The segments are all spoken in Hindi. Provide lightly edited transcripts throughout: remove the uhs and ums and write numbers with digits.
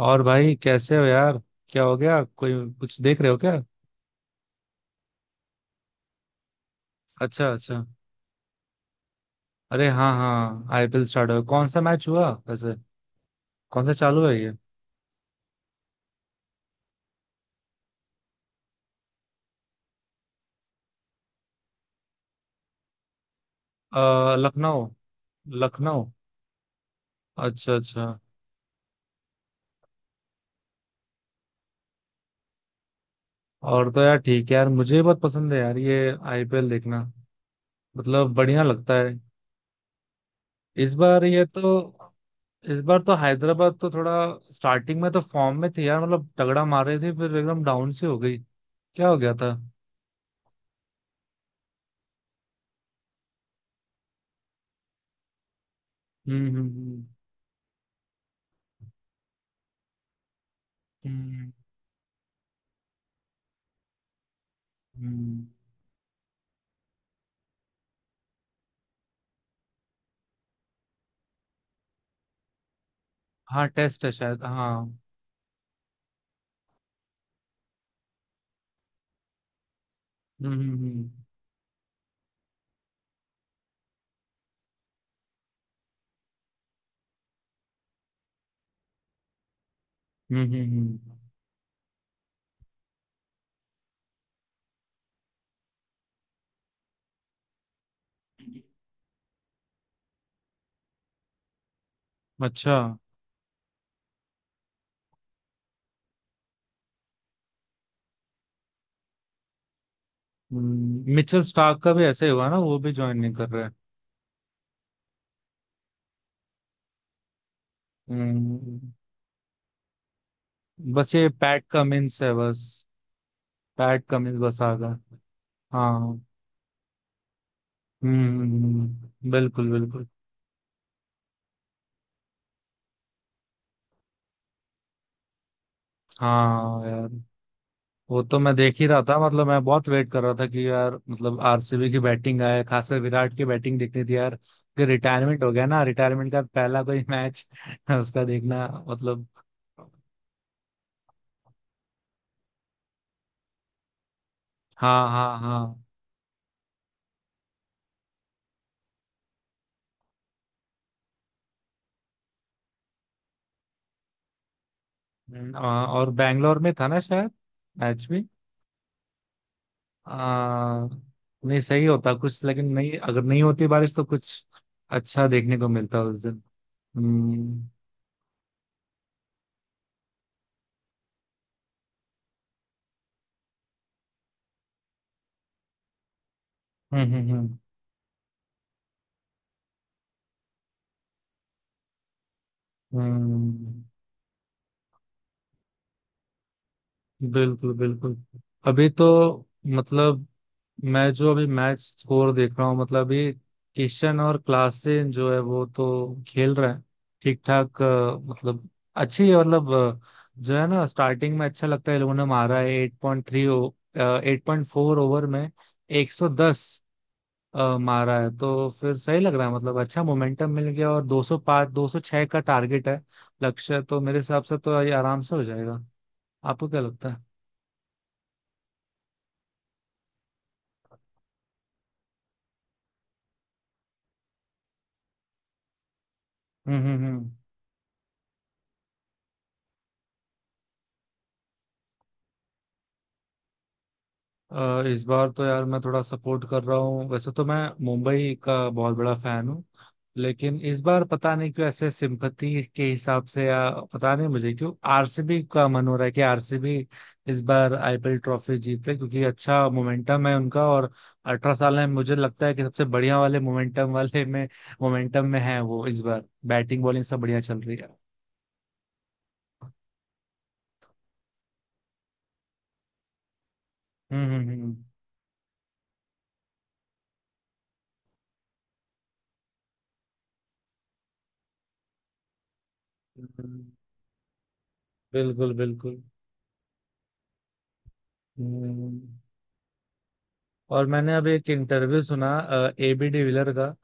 और भाई कैसे हो यार। क्या हो गया? कोई कुछ देख रहे हो क्या? अच्छा अच्छा। अरे हाँ हाँ, आईपीएल स्टार्ट हो, कौन सा मैच हुआ वैसे? कौन सा चालू है ये? लखनऊ लखनऊ। अच्छा अच्छा। और तो यार ठीक है यार, मुझे भी बहुत पसंद है यार ये आईपीएल देखना। मतलब बढ़िया लगता है। इस बार ये तो इस बार तो हैदराबाद तो थोड़ा स्टार्टिंग में तो फॉर्म में थी यार, मतलब तगड़ा मार रही थी, फिर एकदम डाउन सी हो गई। क्या हो गया था? हम्म। हम्म। हम्म। हम्म, हम्म। हाँ टेस्ट है शायद, हाँ। हम्म। हम्म। हम्म। हम्म। अच्छा। मिचेल स्टार्क का भी ऐसे ही हुआ ना, वो भी ज्वाइन नहीं कर रहे। हम्म, बस ये पैट कमिंस है बस। पैट कमिंस बस आ गया। हाँ हम्म। बिल्कुल बिल्कुल। हाँ यार, वो तो मैं देख ही रहा था, मतलब मैं बहुत वेट कर रहा था कि यार मतलब आरसीबी की बैटिंग आए, खासकर विराट की बैटिंग देखनी थी यार, कि रिटायरमेंट हो गया ना, रिटायरमेंट का पहला कोई मैच उसका देखना मतलब। हाँ हाँ हाँ। और बैंगलोर में था ना शायद मैच भी। आ, नहीं सही होता कुछ, लेकिन नहीं, अगर नहीं होती बारिश तो कुछ अच्छा देखने को मिलता उस दिन। हम्म हम्म। हम्म, बिल्कुल बिल्कुल। अभी तो मतलब मैं जो अभी मैच स्कोर देख रहा हूँ, मतलब ये किशन और क्लासेन जो है वो तो खेल रहे हैं ठीक ठाक, मतलब अच्छी है मतलब, जो है ना स्टार्टिंग में अच्छा लगता है। इन लोगों ने मारा है 8.3 8.4 ओवर में 110, मारा है तो फिर सही लग रहा है, मतलब अच्छा मोमेंटम मिल गया, और 205 206 का टारगेट है। लक्ष्य तो मेरे हिसाब से तो ये आराम से हो जाएगा। आपको क्या लगता है? हम्म। इस बार तो यार मैं थोड़ा सपोर्ट कर रहा हूँ, वैसे तो मैं मुंबई का बहुत बड़ा फैन हूँ, लेकिन इस बार पता नहीं क्यों, ऐसे सिंपथी के हिसाब से या पता नहीं मुझे क्यों आरसीबी का मन हो रहा है कि आरसीबी इस बार आईपीएल ट्रॉफी जीते, क्योंकि अच्छा मोमेंटम है उनका, और 18 साल है। मुझे लगता है कि सबसे बढ़िया वाले मोमेंटम वाले में मोमेंटम में है वो। इस बार बैटिंग बॉलिंग सब बढ़िया चल रही है। हम्म हम्म हम्म। बिल्कुल बिल्कुल। हम्म। और मैंने अब एक इंटरव्यू सुना ए बी डिविलियर का।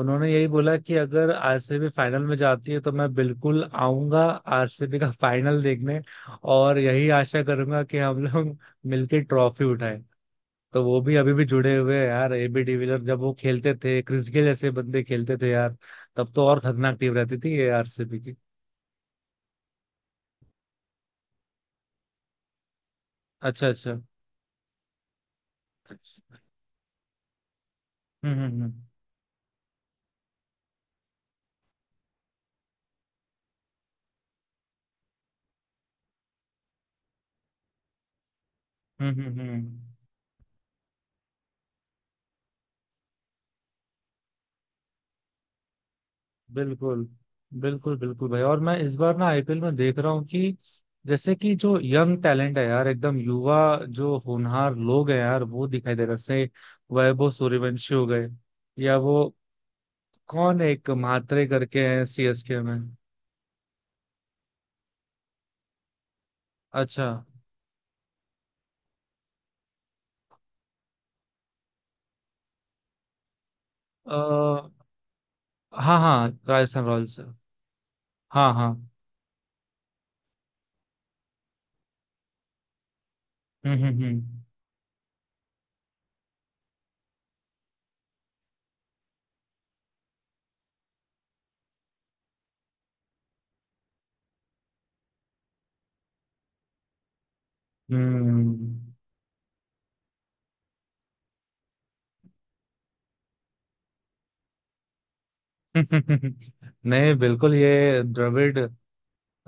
उन्होंने यही बोला कि अगर आरसीबी फाइनल में जाती है तो मैं बिल्कुल आऊंगा आरसीबी का फाइनल देखने, और यही आशा करूंगा कि हम लोग मिलके ट्रॉफी उठाएं। तो वो भी अभी भी जुड़े हुए हैं यार एबी डिविलियर। जब वो खेलते थे, क्रिस गेल जैसे बंदे खेलते थे यार, तब तो और खतरनाक टीम रहती थी ये आरसीबी की। अच्छा अच्छा। हम्म हम्म हम्म हम्म हम्म हम्म। बिल्कुल बिल्कुल बिल्कुल भाई। और मैं इस बार ना आईपीएल में देख रहा हूँ कि जैसे कि जो यंग टैलेंट है यार, एकदम युवा, जो होनहार लोग हैं यार वो दिखाई दे रहे हैं। जैसे वैभव सूर्यवंशी हो गए, या वो कौन है, एक म्हात्रे करके हैं सीएसके में। अच्छा। अ हाँ हाँ राजस्थान रॉयल्स। हाँ हाँ। हम्म हम्म हम्म। नहीं बिल्कुल ये द्रविड़,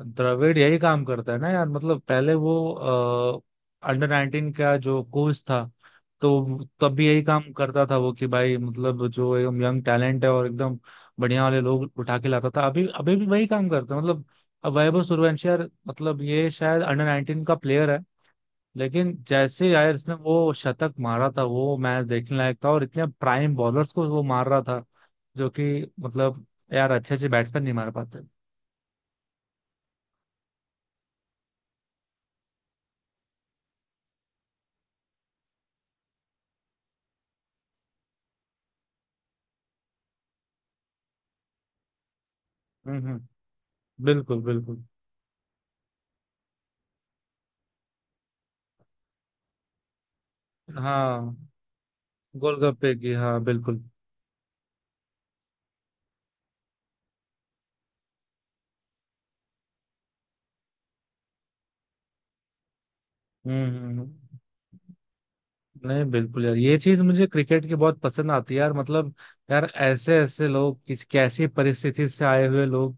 द्रविड़ यही काम करता है ना यार, मतलब पहले वो अंडर 19 का जो कोच था, तो तब भी यही काम करता था वो, कि भाई मतलब जो एकदम यंग टैलेंट है और एकदम बढ़िया वाले लोग उठा के लाता था। अभी अभी भी वही काम करता है मतलब। अब वैभव सूर्यवंशी यार, मतलब ये शायद अंडर 19 का प्लेयर है, लेकिन जैसे यार इसने वो शतक मारा था, वो मैच देखने लायक था। और इतने प्राइम बॉलर्स को वो मार रहा था, जो कि मतलब यार अच्छे अच्छे बैट्समैन नहीं मार पाते। हम्म, बिल्कुल बिल्कुल। हाँ गोलगप्पे की, हाँ बिल्कुल। हम्म, हम्म। हम्म। नहीं बिल्कुल यार, ये चीज मुझे क्रिकेट की बहुत पसंद आती है यार, मतलब यार ऐसे ऐसे लोग, किस कैसी परिस्थिति से आए हुए लोग,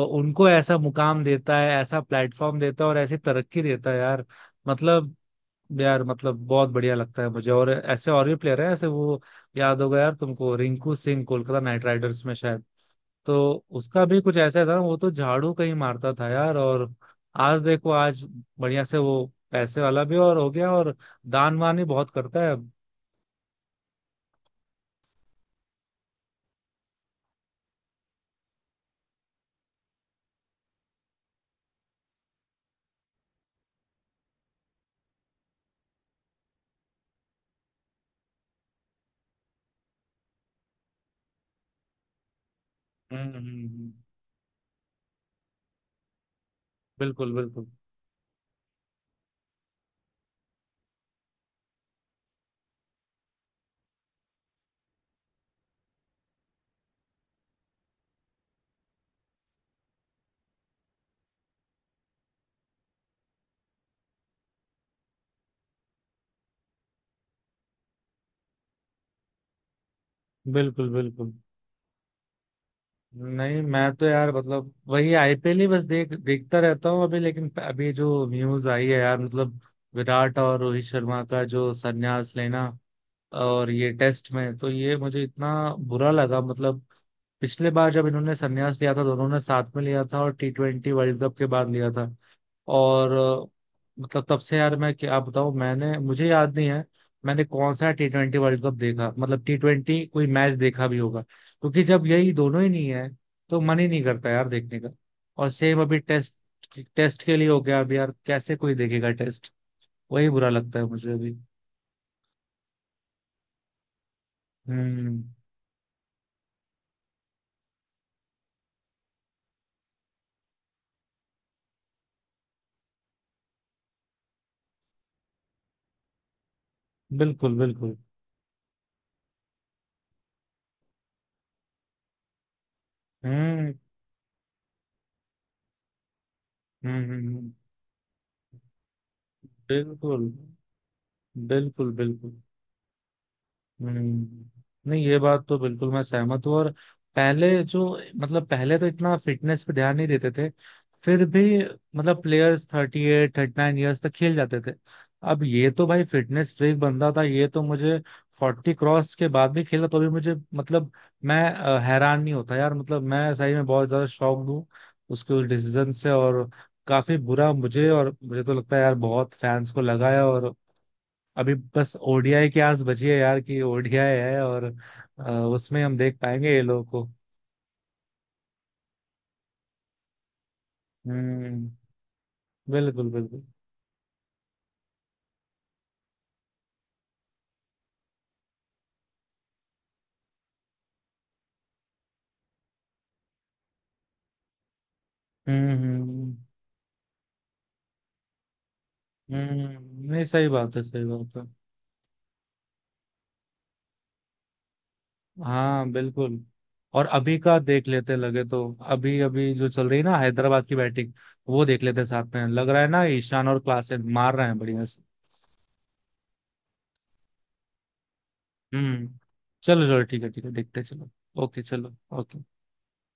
और उनको ऐसा मुकाम देता है, ऐसा प्लेटफॉर्म देता है और ऐसी तरक्की देता है यार, मतलब यार मतलब बहुत बढ़िया लगता है मुझे। और ऐसे और भी प्लेयर है ऐसे, वो याद होगा यार तुमको, रिंकू सिंह, कोलकाता नाइट राइडर्स में शायद। तो उसका भी कुछ ऐसा था, वो तो झाड़ू कहीं मारता था यार, और आज देखो आज बढ़िया से वो पैसे वाला भी और हो गया, और दान वान ही बहुत करता है अब। हम्म हम्म, हम्म। बिल्कुल बिल्कुल। बिल्कुल बिल्कुल। नहीं मैं तो यार मतलब वही आईपीएल ही बस देख देखता रहता हूँ अभी, लेकिन अभी जो न्यूज आई है यार, मतलब विराट और रोहित शर्मा का जो संन्यास लेना और ये टेस्ट में, तो ये मुझे इतना बुरा लगा मतलब। पिछले बार जब इन्होंने संन्यास लिया था, दोनों ने साथ में लिया था और T20 वर्ल्ड कप के बाद लिया था, और मतलब तब से यार मैं क्या बताऊं, मैंने मुझे याद नहीं है मैंने कौन सा T20 वर्ल्ड कप देखा, मतलब T20 कोई मैच देखा भी होगा, क्योंकि जब यही दोनों ही नहीं है तो मन ही नहीं करता यार देखने का। और सेम अभी टेस्ट, टेस्ट के लिए हो गया। अब यार कैसे कोई देखेगा टेस्ट? वही बुरा लगता है मुझे अभी। हम्म। बिल्कुल बिल्कुल। हम्म हम्म हम्म, हम्म। बिल्कुल बिल्कुल बिल्कुल। हम्म। नहीं ये बात तो बिल्कुल मैं सहमत हूँ। और पहले जो मतलब पहले तो इतना फिटनेस पे ध्यान नहीं देते थे, फिर भी मतलब प्लेयर्स 38 39 ईयर्स तक खेल जाते थे। अब ये तो भाई फिटनेस फ्रीक बंदा था, ये तो मुझे 40 क्रॉस के बाद भी खेला तो भी मुझे मतलब मैं हैरान नहीं होता यार, मतलब मैं सही में बहुत ज्यादा शॉक्ड हूँ उसके उस डिसीजन से। और काफी बुरा मुझे, और मुझे तो लगता है यार बहुत फैंस को लगा है। और अभी बस ओडीआई की आस बची है यार, कि ओडीआई है, और उसमें हम देख पाएंगे ये लोगों को। हम्म बिल्कुल बिल्कुल। हम्म हम्म हम्म, नहीं सही बात है सही बात है। हाँ बिल्कुल। और अभी का देख लेते लगे तो अभी अभी जो चल रही है ना हैदराबाद की बैटिंग, वो देख लेते साथ में, लग रहा है ना ईशान और क्लासेन मार रहे हैं बढ़िया से। हम्म। चलो चलो, ठीक है ठीक है, देखते हैं, चलो। ओके चलो ओके।